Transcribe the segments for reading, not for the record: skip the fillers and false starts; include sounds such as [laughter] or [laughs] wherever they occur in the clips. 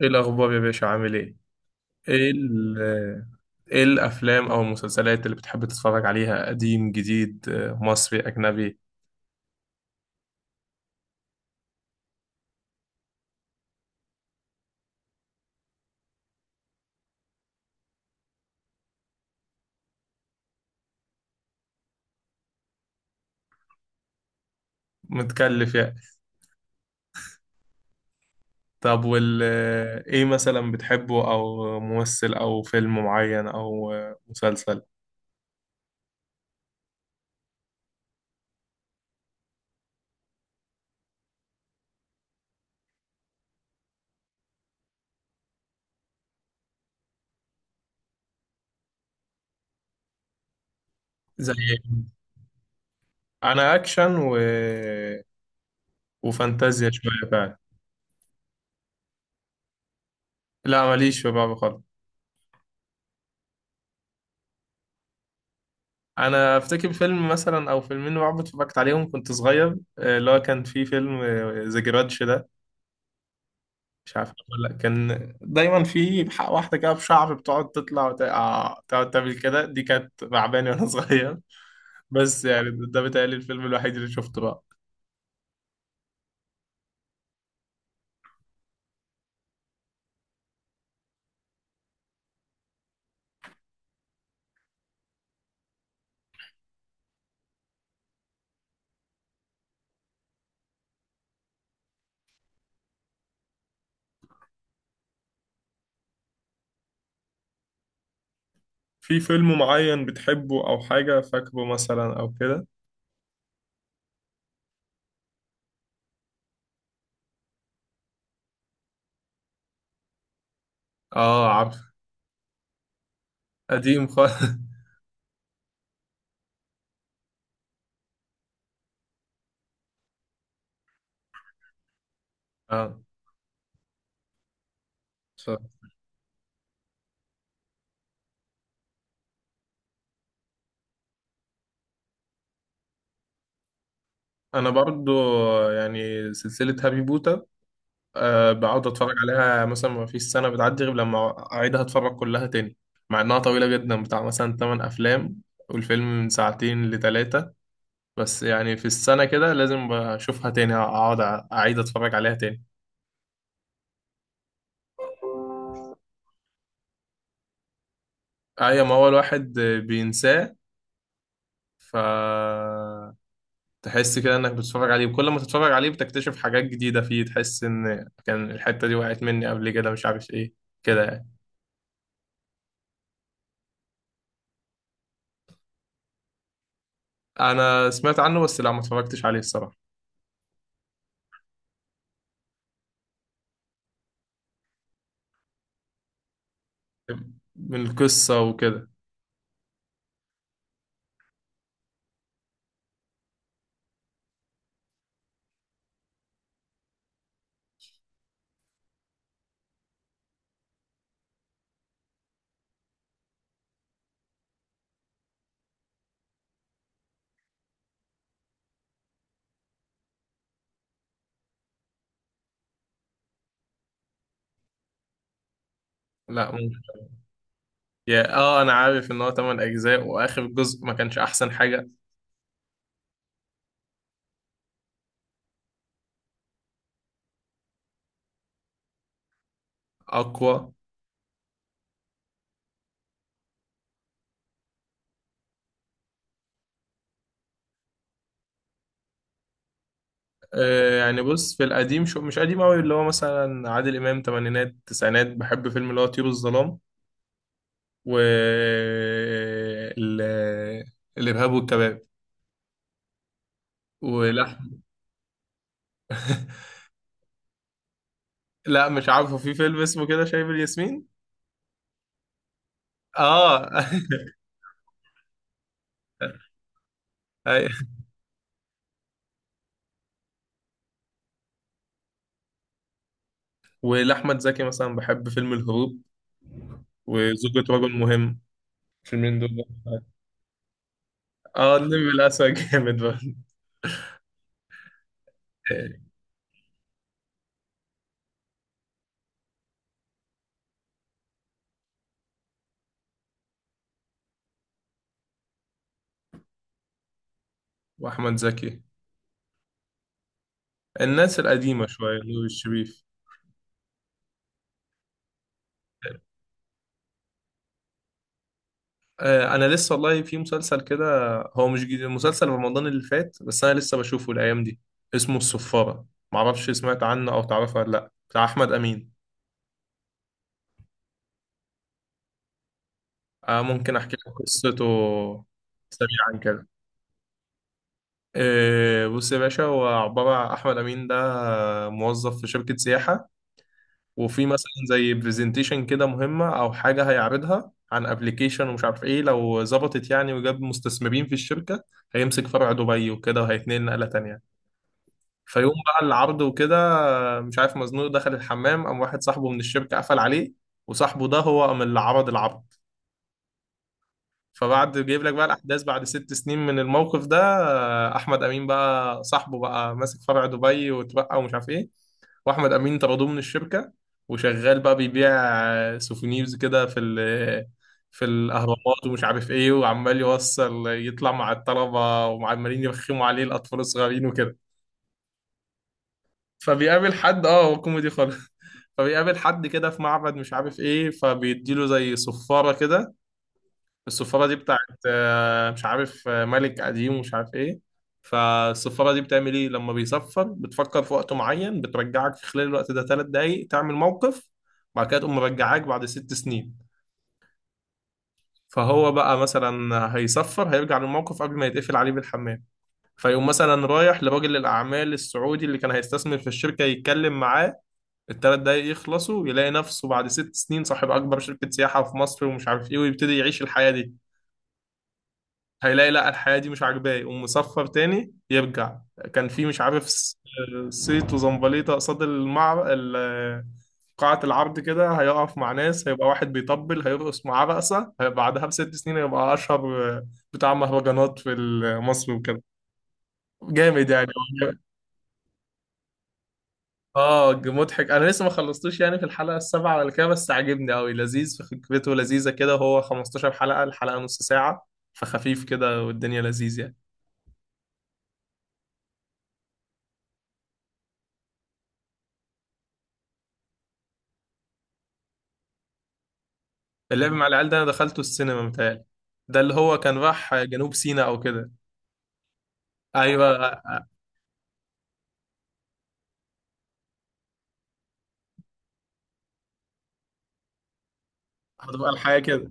ايه الاخبار يا باشا؟ عامل ايه؟ ايه ال- ايه الافلام او المسلسلات اللي بتحب تتفرج عليها؟ قديم جديد، مصري اجنبي؟ متكلف يعني. طب وال آه، ايه مثلا بتحبه، او ممثل او فيلم معين او مسلسل؟ زي إيه؟ انا اكشن وفانتازيا شويه فعلا. لا ماليش في بعض خالص. انا افتكر فيلم مثلا او فيلمين رعب اتفرجت عليهم كنت صغير، اللي هو كان في فيلم ذا جرادش ده، مش عارف اقول لك، كان دايما في حق واحده كده في شعر بتقعد تطلع وتقع تقعد تعمل كده، دي كانت تعباني وانا [laughs] صغير. بس يعني ده بيتهيألي الفيلم الوحيد اللي شفته بقى. في فيلم معين بتحبه او حاجه فاكره مثلا او كده؟ اه عارف. قديم خالص [laughs] اه ف- انا برضو يعني سلسله هابي بوتا، آه بقعد اتفرج عليها مثلا، ما فيش سنه بتعدي غير لما اعيدها اتفرج كلها تاني. مع انها طويله جدا، بتاع مثلا 8 افلام والفيلم من ساعتين لتلاتة، بس يعني في السنة كده لازم أشوفها تاني، أقعد أعيد أتفرج عليها تاني. أي، ما هو الواحد بينساه، فتحس كده إنك بتتفرج عليه وكل ما تتفرج عليه بتكتشف حاجات جديدة فيه، تحس إن كان الحتة دي وقعت مني قبل كده مش عارف إيه، كده يعني. أنا سمعت عنه بس لا ما اتفرجتش عليه الصراحة. من القصة وكده؟ لا ممكن. يا آه أنا عارف إن هو 8 أجزاء وآخر جزء ما كانش أحسن حاجة. أقوى. آه، يعني بص، في القديم، شو مش قديم قوي، اللي هو مثلا عادل امام تمانينات تسعينات، بحب فيلم اللي هو طيور الظلام و ال- الارهاب والكباب ولحم [laughs] لا مش عارفه في فيلم اسمه كده شايب الياسمين. اه [laughs] أي. ولاحمد زكي مثلا بحب فيلم الهروب وزوجة رجل مهم، الفيلمين دول. اه النمر الاسود جامد برضه. [laughs] واحمد زكي، الناس القديمه شويه، نور الشريف. آه، انا لسه والله في مسلسل كده، هو مش جديد، مسلسل رمضان اللي فات بس انا لسه بشوفه الايام دي، اسمه الصفارة، معرفش سمعت عنه او تعرفه ولا لا؟ بتاع احمد امين. آه ممكن احكي لك قصته سريعا كده. آه بص يا باشا، هو عبارة عن احمد امين ده موظف في شركة سياحة، وفي مثلا زي برزنتيشن كده مهمة او حاجة هيعرضها عن ابلكيشن ومش عارف ايه، لو ظبطت يعني وجاب مستثمرين في الشركة هيمسك فرع دبي وكده وهيتنقل نقلة تانية. فيوم بقى العرض وكده مش عارف مزنوق دخل الحمام، قام واحد صاحبه من الشركة قفل عليه، وصاحبه ده هو قام اللي عرض العرض. فبعد جايب لك بقى الأحداث بعد 6 سنين من الموقف ده، أحمد أمين بقى صاحبه بقى ماسك فرع دبي واتبقى ومش عارف إيه، وأحمد أمين طردوه من الشركة وشغال بقى بيبيع سوفونيرز كده في في الأهرامات ومش عارف إيه، وعمال يوصل يطلع مع الطلبة وعمالين يرخموا عليه الأطفال الصغيرين وكده. فبيقابل حد، اه هو كوميدي خالص، فبيقابل حد كده في معبد مش عارف ايه، فبيديله زي صفارة كده، الصفارة دي بتاعت مش عارف ملك قديم ومش عارف ايه. فالصفارة دي بتعمل ايه؟ لما بيصفر بتفكر في وقت معين بترجعك في خلال الوقت ده 3 دقايق تعمل موقف، بعد كده تقوم مرجعاك بعد 6 سنين. فهو بقى مثلا هيصفر هيرجع للموقف قبل ما يتقفل عليه بالحمام، فيقوم مثلا رايح لراجل الأعمال السعودي اللي كان هيستثمر في الشركة يتكلم معاه، ال 3 دقايق يخلصوا يلاقي نفسه بعد 6 سنين صاحب أكبر شركة سياحة في مصر ومش عارف إيه ويبتدي يعيش الحياة دي. هيلاقي لا الحياة دي مش عاجباه يقوم مسفر تاني يرجع. كان في مش عارف صيت وزمبليطة قصاد قاعة العرض كده، هيقف مع ناس هيبقى واحد بيطبل هيرقص معاه رقصة، بعدها ب 6 سنين هيبقى أشهر بتاع مهرجانات في مصر وكده. جامد يعني. اه مضحك، انا لسه ما خلصتوش يعني في الحلقه السابعه ولا كده، بس عاجبني قوي لذيذ في فكرته، لذيذه كده، هو 15 حلقه الحلقه نص ساعه، فخفيف كده والدنيا لذيذ يعني. اللعب مع العيال ده انا دخلته السينما متهيألي. ده اللي هو كان راح جنوب سيناء او كده. ايوه. هتبقى الحياه كده.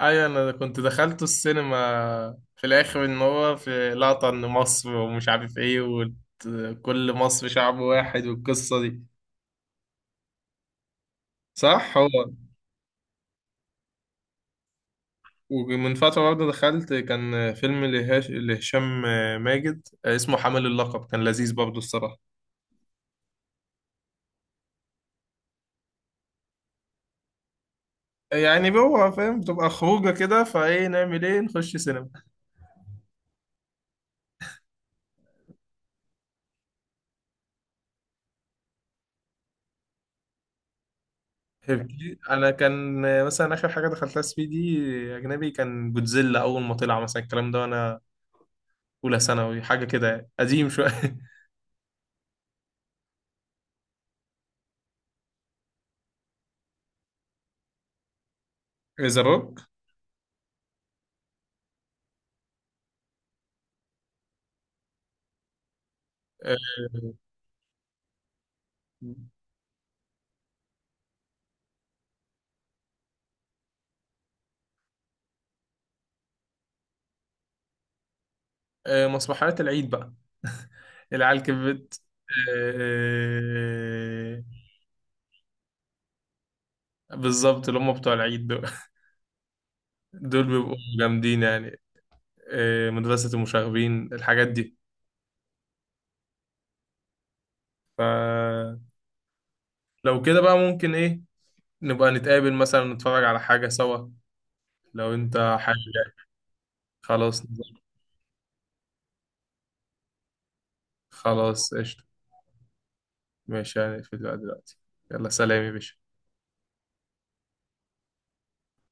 ايوه انا كنت دخلته السينما، في الاخر ان هو في لقطه ان مصر ومش عارف ايه وكل مصر شعب واحد والقصه دي. صح هو. ومن فترة برضه دخلت كان فيلم لهشام ماجد اسمه حامل اللقب، كان لذيذ برضه الصراحة. يعني هو فاهم بتبقى خروجة كده، فايه نعمل ايه، نخش سينما. هبكي. [laughs] انا كان مثلا اخر حاجة دخلتها 3 دي اجنبي كان جودزيلا اول ما طلع مثلا الكلام ده وانا اولى ثانوي حاجة كده يعني. قديم شوية [laughs] ذا روك. آه، آه، مسرحيات العيد بقى [laughs] العيال كبرت. آه، آه، بالظبط اللي هم بتوع العيد دول، دول بيبقوا جامدين يعني. إيه، مدرسة المشاغبين، الحاجات دي. فلو كده بقى ممكن ايه، نبقى نتقابل مثلا نتفرج على حاجة سوا لو انت حابب يعني. خلاص. خلاص قشطة. ماشي يعني في دلوقتي. يلا سلام يا باشا.